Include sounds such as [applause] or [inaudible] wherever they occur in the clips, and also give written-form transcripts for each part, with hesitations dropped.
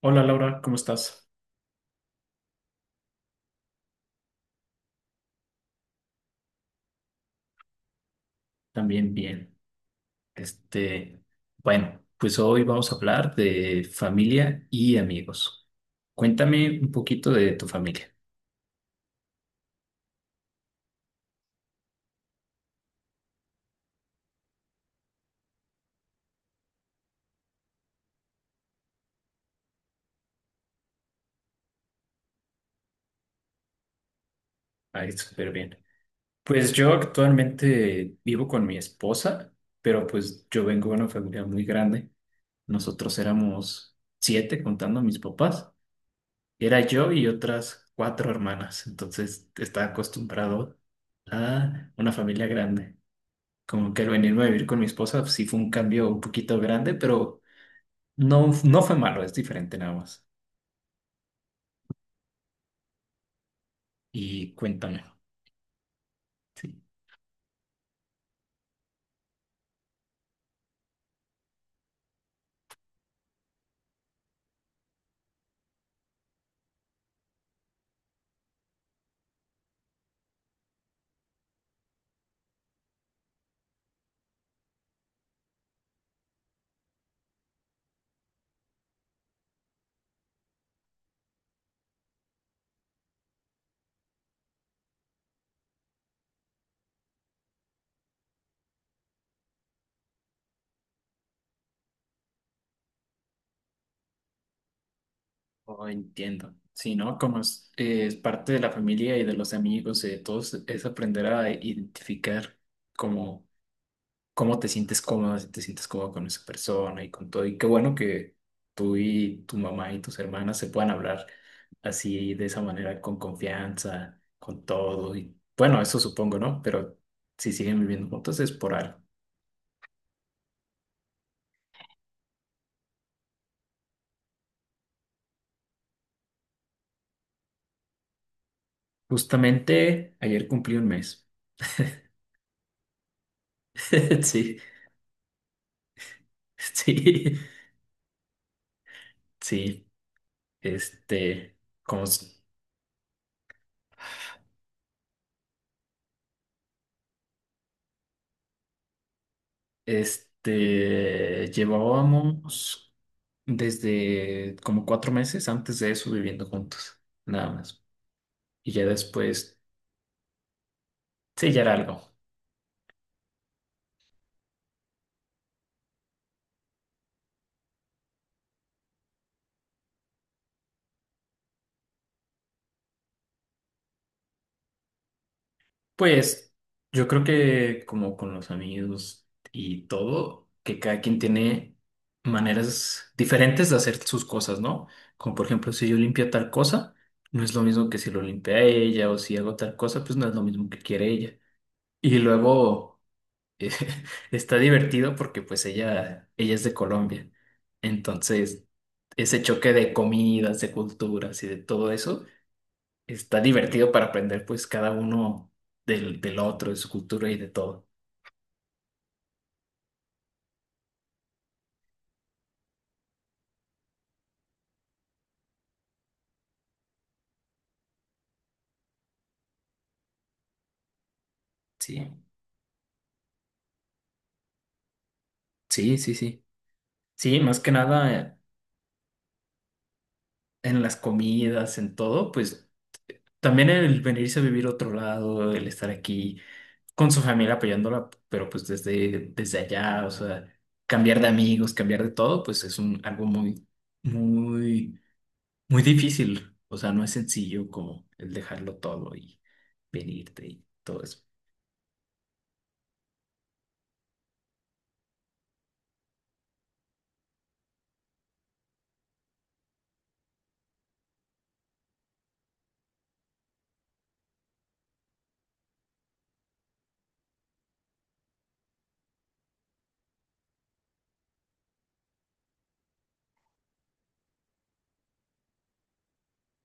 Hola Laura, ¿cómo estás? También bien. Este, bueno, pues hoy vamos a hablar de familia y amigos. Cuéntame un poquito de tu familia. Ay, súper bien. Pues yo actualmente vivo con mi esposa, pero pues yo vengo de una familia muy grande. Nosotros éramos siete contando a mis papás. Era yo y otras cuatro hermanas, entonces estaba acostumbrado a una familia grande. Como que el venirme a vivir con mi esposa pues, sí fue un cambio un poquito grande, pero no, no fue malo, es diferente nada más. Y cuéntame. Sí, oh, entiendo. Sí, ¿no? Como es parte de la familia y de los amigos y de todos, es aprender a identificar como cómo te sientes cómodo, si te sientes cómodo con esa persona y con todo. Y qué bueno que tú y tu mamá y tus hermanas se puedan hablar así, de esa manera, con confianza, con todo. Y bueno, eso supongo, ¿no? Pero si siguen viviendo juntos es por algo. Justamente ayer cumplí un mes. [laughs] Sí, sí, sí. Este, Como, llevábamos desde como 4 meses antes de eso viviendo juntos. Nada más. Y ya después sellar algo. Pues yo creo que como con los amigos y todo, que cada quien tiene maneras diferentes de hacer sus cosas, ¿no? Como por ejemplo, si yo limpio tal cosa, no es lo mismo que si lo limpia ella o si hago tal cosa, pues no es lo mismo que quiere ella. Y luego eh, [laughs] está divertido porque pues ella es de Colombia. Entonces, ese choque de comidas, de culturas y de todo eso está divertido para aprender pues cada uno del, del otro, de su cultura y de todo. Sí, sí, sí, sí. Sí, más que nada en las comidas, en todo, pues también el venirse a vivir a otro lado, el estar aquí con su familia apoyándola, pero pues desde, desde allá, o sea, cambiar de amigos, cambiar de todo, pues es un, algo muy, muy, muy difícil. O sea, no es sencillo como el dejarlo todo y venirte y todo eso.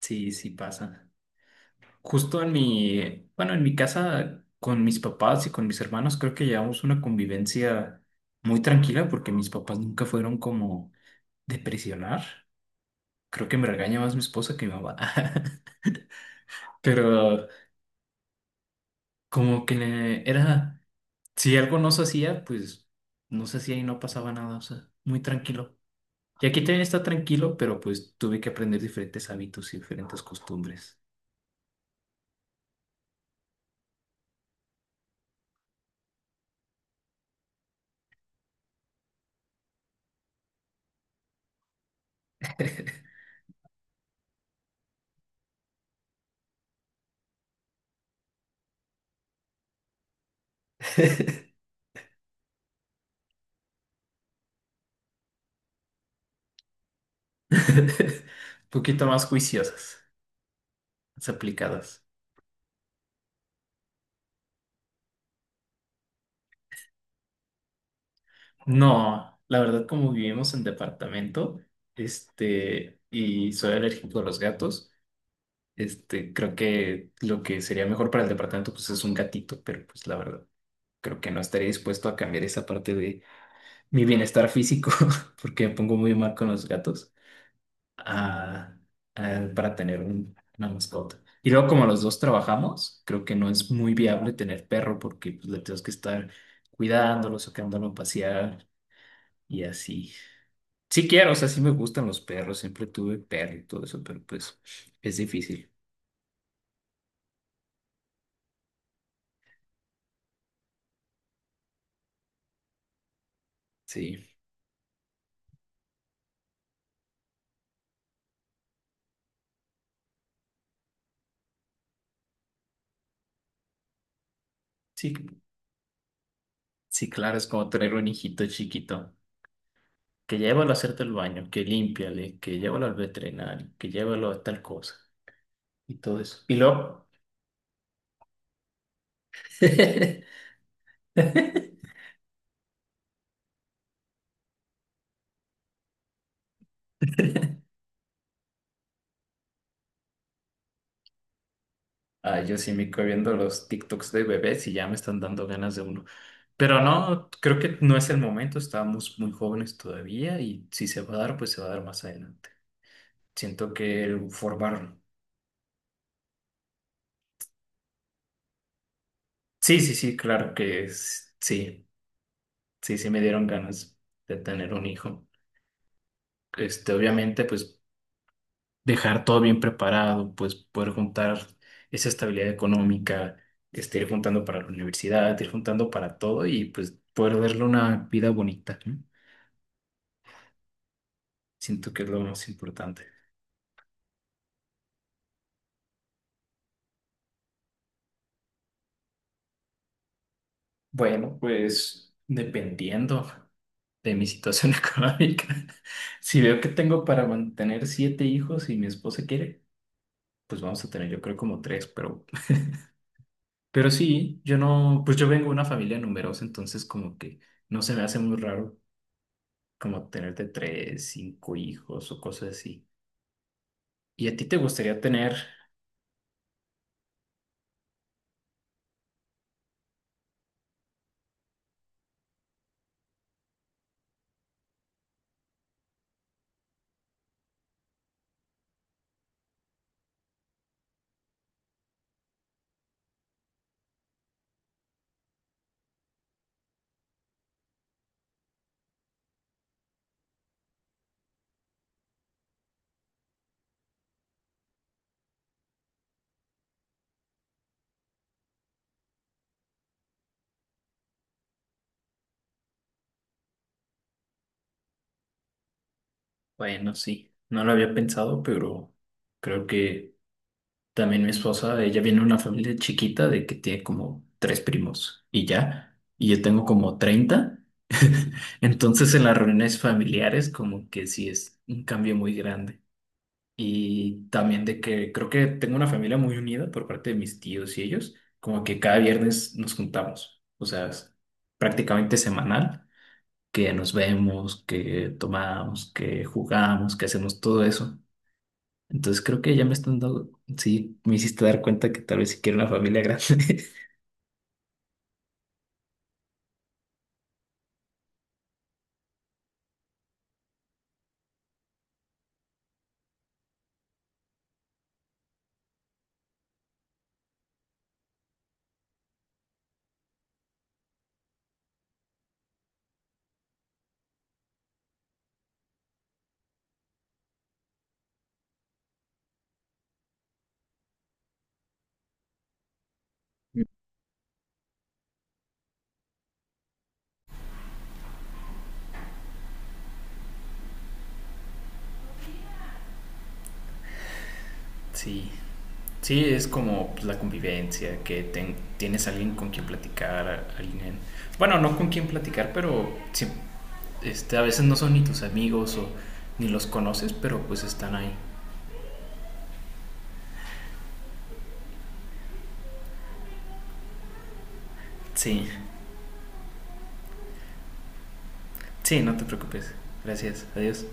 Sí, sí pasa. Justo en mi, bueno, en mi casa con mis papás y con mis hermanos creo que llevamos una convivencia muy tranquila porque mis papás nunca fueron como de presionar. Creo que me regaña más mi esposa que mi mamá. [laughs] Pero como que era, si algo no se hacía, pues no se hacía y no pasaba nada, o sea, muy tranquilo. Y aquí también está tranquilo, pero pues tuve que aprender diferentes hábitos y diferentes costumbres. [laughs] Un poquito más juiciosas, más aplicadas. No, la verdad, como vivimos en departamento, y soy alérgico a los gatos, creo que lo que sería mejor para el departamento, pues es un gatito, pero pues la verdad, creo que no estaría dispuesto a cambiar esa parte de mi bienestar físico, [laughs] porque me pongo muy mal con los gatos, a- para tener una mascota. Y luego, como los dos trabajamos, creo que no es muy viable tener perro, porque pues, le tenemos que estar cuidándolos, sacándolo a pasear y así. Sí quiero, o sea, sí me gustan los perros, siempre tuve perro y todo eso, pero pues es difícil. Sí, sí, sí, claro, es como tener un hijito chiquito, que llévalo a hacerte el baño, que límpiale, que llévalo al veterinario, que llévalo a tal cosa y todo eso. Y luego, [laughs] ah, yo sí me quedo viendo los TikToks de bebés y ya me están dando ganas de uno. Pero no, creo que no es el momento, estamos muy jóvenes todavía y si se va a dar, pues se va a dar más adelante. Siento que el formar sí, sí, sí, claro que sí, sí, sí me dieron ganas de tener un hijo. Obviamente, pues dejar todo bien preparado, pues poder juntar esa estabilidad económica, ir juntando para la universidad, ir juntando para todo y pues poder darle una vida bonita, ¿no? Siento que es lo más importante. Bueno, pues dependiendo de mi situación [laughs] económica, si veo que tengo para mantener siete hijos y mi esposa quiere, pues vamos a tener yo creo como tres, pero sí, yo no, pues yo vengo de una familia numerosa, entonces como que no se me hace muy raro como tenerte tres, cinco hijos o cosas así. ¿Y a ti te gustaría tener? Bueno, sí, no lo había pensado, pero creo que también mi esposa, ella viene de una familia chiquita de que tiene como tres primos y ya, y yo tengo como 30. [laughs] Entonces en las reuniones familiares como que sí es un cambio muy grande. Y también de que creo que tengo una familia muy unida por parte de mis tíos y ellos, como que cada viernes nos juntamos, o sea, es prácticamente semanal, que nos vemos, que tomamos, que jugamos, que hacemos todo eso. Entonces creo que ya me están dando, sí, me hiciste dar cuenta que tal vez si quiero una familia grande. [laughs] Sí, sí, es como pues, la convivencia, que tienes alguien con quien platicar, alguien... Bueno, no con quien platicar, pero sí, a veces no son ni tus amigos o ni los conoces, pero pues están ahí. Sí, sí, no te preocupes. Gracias, adiós.